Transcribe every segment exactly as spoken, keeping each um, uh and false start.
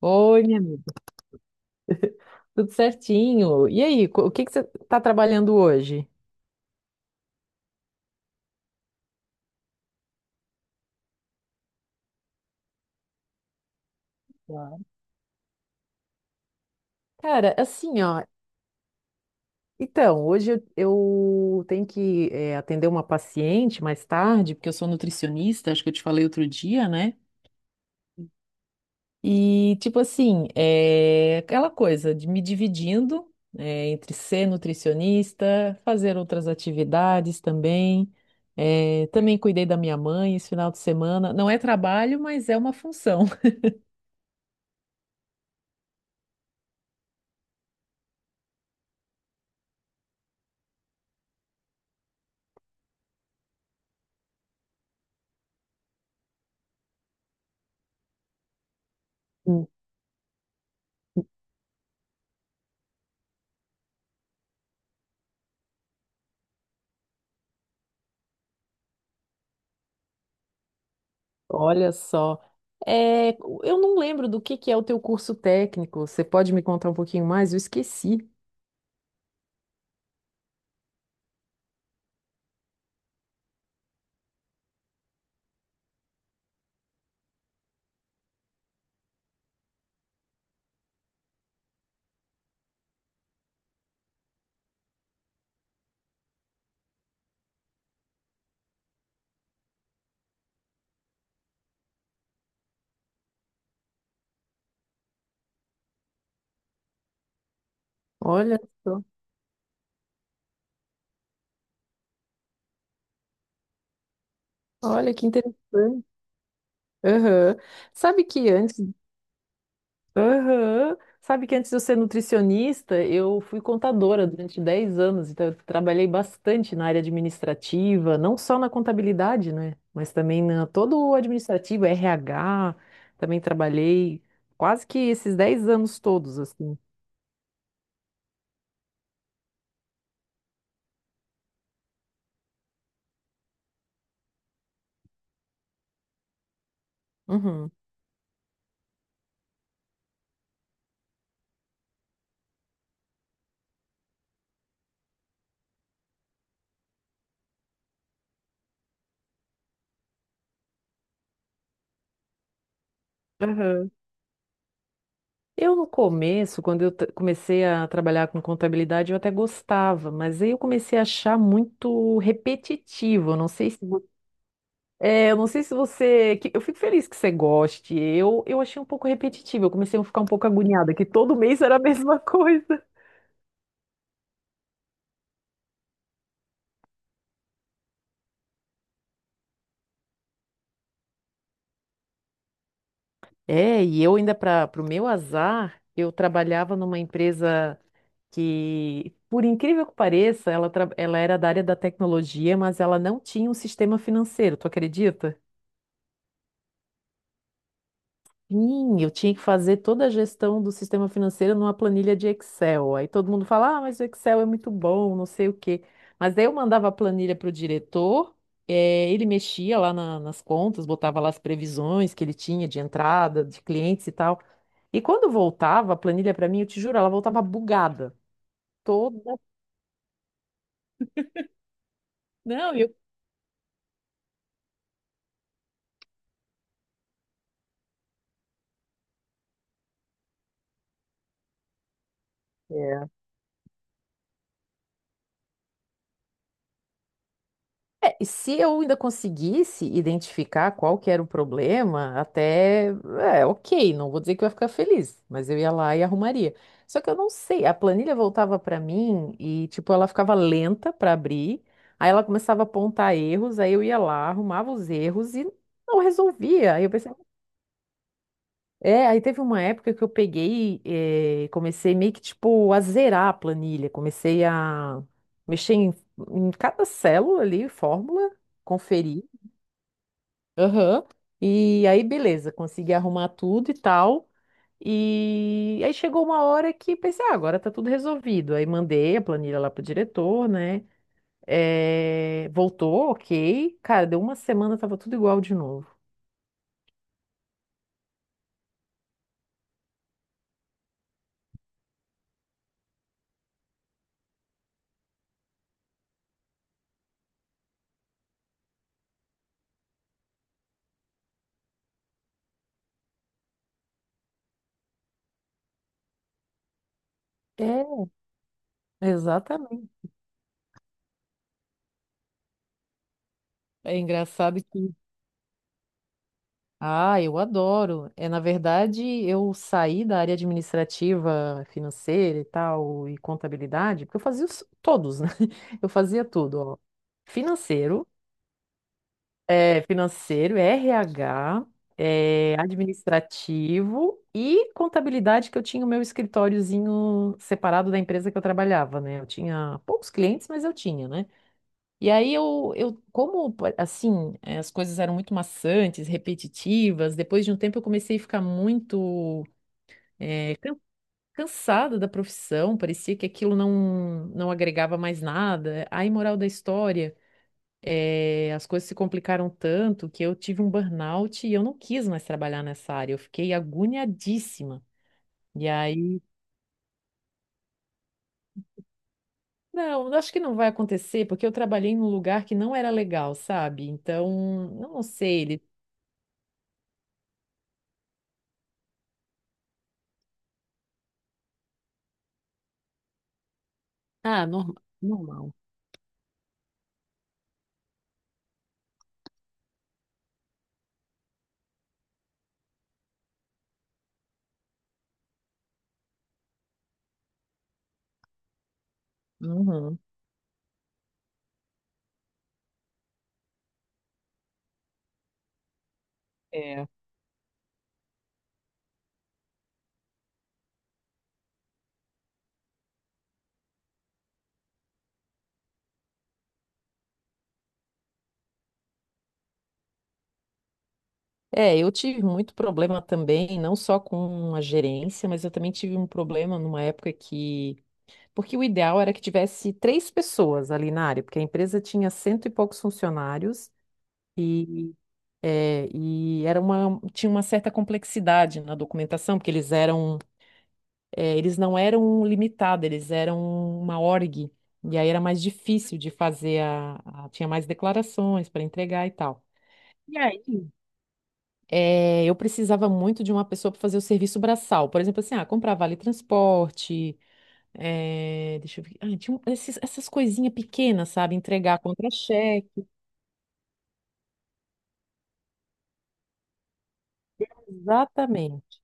Oi, minha amiga, tudo certinho? E aí, co- o que que você está trabalhando hoje? Claro. Cara, assim, ó. Então, hoje eu, eu tenho que eh, atender uma paciente mais tarde, porque eu sou nutricionista, acho que eu te falei outro dia, né? E, tipo assim, é aquela coisa de me dividindo eh, entre ser nutricionista, fazer outras atividades também. Eh, também cuidei da minha mãe esse final de semana. Não é trabalho, mas é uma função. Hum. Olha só. É, eu não lembro do que que é o teu curso técnico. Você pode me contar um pouquinho mais? Eu esqueci. Olha só. Olha que interessante. Aham. Sabe que antes Aham. Sabe que antes de eu ser nutricionista, eu fui contadora durante dez anos, então eu trabalhei bastante na área administrativa, não só na contabilidade, né? Mas também na todo o administrativo, R H, também trabalhei quase que esses dez anos todos, assim. Uhum. Aham. Eu, no começo, quando eu t- comecei a trabalhar com contabilidade, eu até gostava, mas aí eu comecei a achar muito repetitivo. Eu Não sei se É, eu não sei se você. que- Eu fico feliz que você goste. Eu, eu achei um pouco repetitivo. Eu comecei a ficar um pouco agoniada, que todo mês era a mesma coisa. É, e eu ainda, para o meu azar, eu trabalhava numa empresa que, por incrível que pareça, ela, tra- ela era da área da tecnologia, mas ela não tinha um sistema financeiro, tu acredita? Sim, eu tinha que fazer toda a gestão do sistema financeiro numa planilha de Excel. Aí todo mundo fala, ah, mas o Excel é muito bom, não sei o quê. Mas aí eu mandava a planilha para o diretor, eh, ele mexia lá na- nas contas, botava lá as previsões que ele tinha de entrada, de clientes e tal. E quando voltava a planilha para mim, eu te juro, ela voltava bugada. Toda. Não, eu. É, e se eu ainda conseguisse identificar qual que era o problema, até, é, ok, não vou dizer que eu ia ficar feliz, mas eu ia lá e arrumaria. Só que eu não sei, a planilha voltava para mim e, tipo, ela ficava lenta para abrir, aí ela começava a apontar erros, aí eu ia lá, arrumava os erros e não resolvia. Aí eu pensei, é, aí teve uma época que eu peguei, eh, comecei meio que, tipo, a zerar a planilha, comecei a mexer em, em cada célula ali, fórmula, conferir. Aham. E aí, beleza, consegui arrumar tudo e tal. E aí chegou uma hora que pensei, ah, agora tá tudo resolvido. Aí mandei a planilha lá pro diretor, né? Eh, Voltou, ok. Cara, deu uma semana, tava tudo igual de novo. É, exatamente. É engraçado que. Ah, eu adoro. É, na verdade, eu saí da área administrativa, financeira e tal, e contabilidade, porque eu fazia os- todos, né? Eu fazia tudo, ó. Financeiro. É financeiro, R H, é administrativo e contabilidade, que eu tinha o meu escritóriozinho separado da empresa que eu trabalhava, né? Eu tinha poucos clientes, mas eu tinha, né? E aí eu, eu como pa- assim, eh, as coisas eram muito maçantes, repetitivas, depois de um tempo eu comecei a ficar muito eh, can- cansada da profissão, parecia que aquilo não, não agregava mais nada. Aí, moral da história, eh, as coisas se complicaram tanto que eu tive um burnout e eu não quis mais trabalhar nessa área. Eu fiquei agoniadíssima. E aí, não, acho que não vai acontecer, porque eu trabalhei num lugar que não era legal, sabe? Então, eu não sei, ele. Ah, norma- normal. Uhum. É. É, eu tive muito problema também, não só com a gerência, mas eu também tive um problema numa época que. Porque o ideal era que tivesse três pessoas ali na área, porque a empresa tinha cento e poucos funcionários. É, e era uma, tinha uma certa complexidade na documentação, porque eles eram, é, eles não eram limitados, eles eram uma org, e aí era mais difícil de fazer a, a- tinha mais declarações para entregar e tal. E aí, é, eu precisava muito de uma pessoa para fazer o serviço braçal, por exemplo, assim, ah, comprar vale transporte, é, deixa eu ver, ah, tinha um- esses- essas coisinhas pequenas, sabe, entregar contra-cheque, exatamente.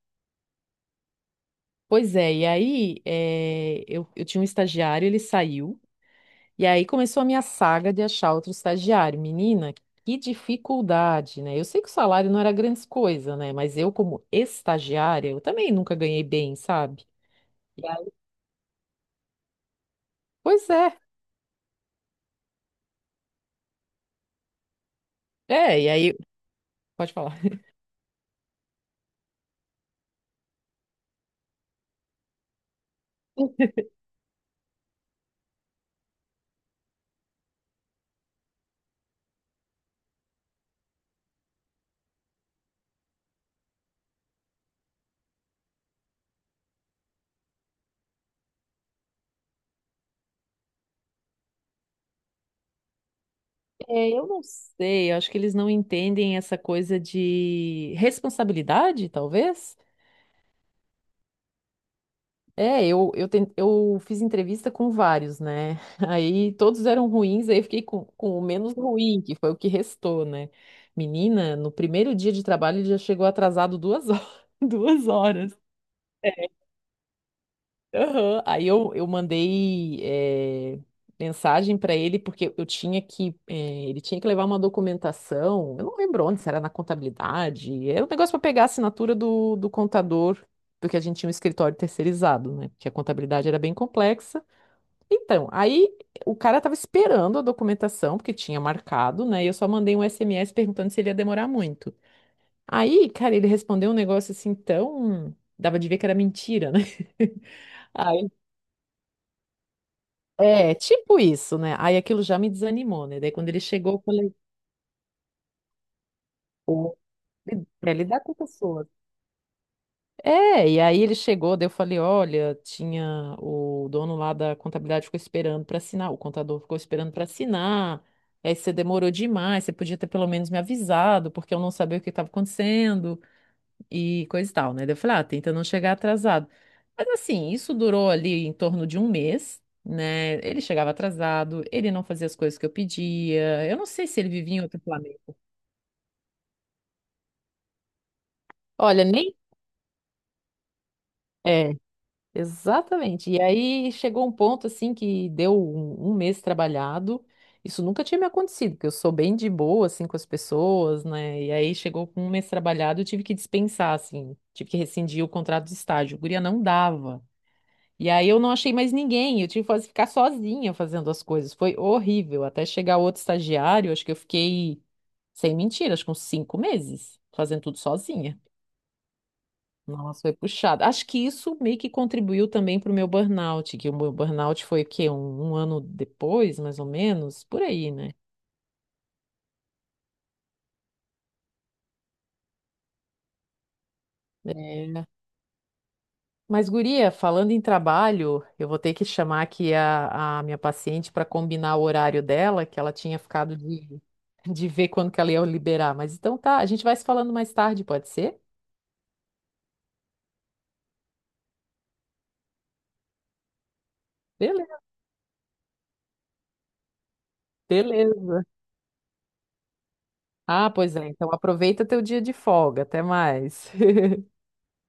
Pois é, e aí eh, eu, eu tinha um estagiário, ele saiu, e aí começou a minha saga de achar outro estagiário. Menina, que dificuldade, né? Eu sei que o salário não era grandes coisa, né? Mas eu, como estagiária, eu também nunca ganhei bem, sabe? E aí- Pois é, é, e aí, pode falar. É, eu não sei, eu acho que eles não entendem essa coisa de responsabilidade, talvez. É, eu, eu, ten- eu fiz entrevista com vários, né? Aí todos eram ruins, aí eu fiquei com, com o menos ruim, que foi o que restou, né? Menina, no primeiro dia de trabalho ele já chegou atrasado duas horas. Duas horas. Aham. Aí eu, eu mandei eh, mensagem para ele porque eu tinha que eh, ele tinha que levar uma documentação. Eu não lembro onde, se era na contabilidade. Era um negócio para pegar a assinatura do, do contador, porque a gente tinha um escritório terceirizado, né? Porque a contabilidade era bem complexa. Então, aí o cara estava esperando a documentação porque tinha marcado, né? E eu só mandei um S M S perguntando se ele ia demorar muito. Aí, cara, ele respondeu um negócio assim tão dava de ver que era mentira, né? Aí é, tipo isso, né? Aí aquilo já me desanimou, né? Daí quando ele chegou, eu falei, pô, li- é lidar com pessoas. É, e aí ele chegou, daí eu falei, olha, tinha o dono lá da contabilidade ficou esperando para assinar, o contador ficou esperando para assinar. E aí você demorou demais, você podia ter pelo menos me avisado, porque eu não sabia o que estava acontecendo, e coisa e tal, né? Daí eu falei, ah, tenta não chegar atrasado. Mas assim, isso durou ali em torno de um mês, né? Ele chegava atrasado, ele não fazia as coisas que eu pedia. Eu não sei se ele vivia em outro planeta. Olha, nem. É, exatamente. E aí chegou um ponto assim que deu um, um mês trabalhado. Isso nunca tinha me acontecido, porque eu sou bem de boa assim com as pessoas, né? E aí chegou com um mês trabalhado, eu tive que dispensar assim, tive que rescindir o contrato de estágio. Guria não dava. E aí eu não achei mais ninguém, eu tive que faz- ficar sozinha fazendo as coisas. Foi horrível. Até chegar outro estagiário, acho que eu fiquei, sem mentira, acho que uns cinco meses fazendo tudo sozinha. Nossa, foi puxado. Acho que isso meio que contribuiu também para o meu burnout, que o meu burnout foi o quê? Um, um ano depois, mais ou menos, por aí, né? É. Mas, guria, falando em trabalho, eu vou ter que chamar aqui a, a minha paciente para combinar o horário dela, que ela tinha ficado de, de ver quando que ela ia liberar. Mas então tá, a gente vai se falando mais tarde, pode ser? Beleza. Beleza. Ah, pois é. Então aproveita teu dia de folga. Até mais.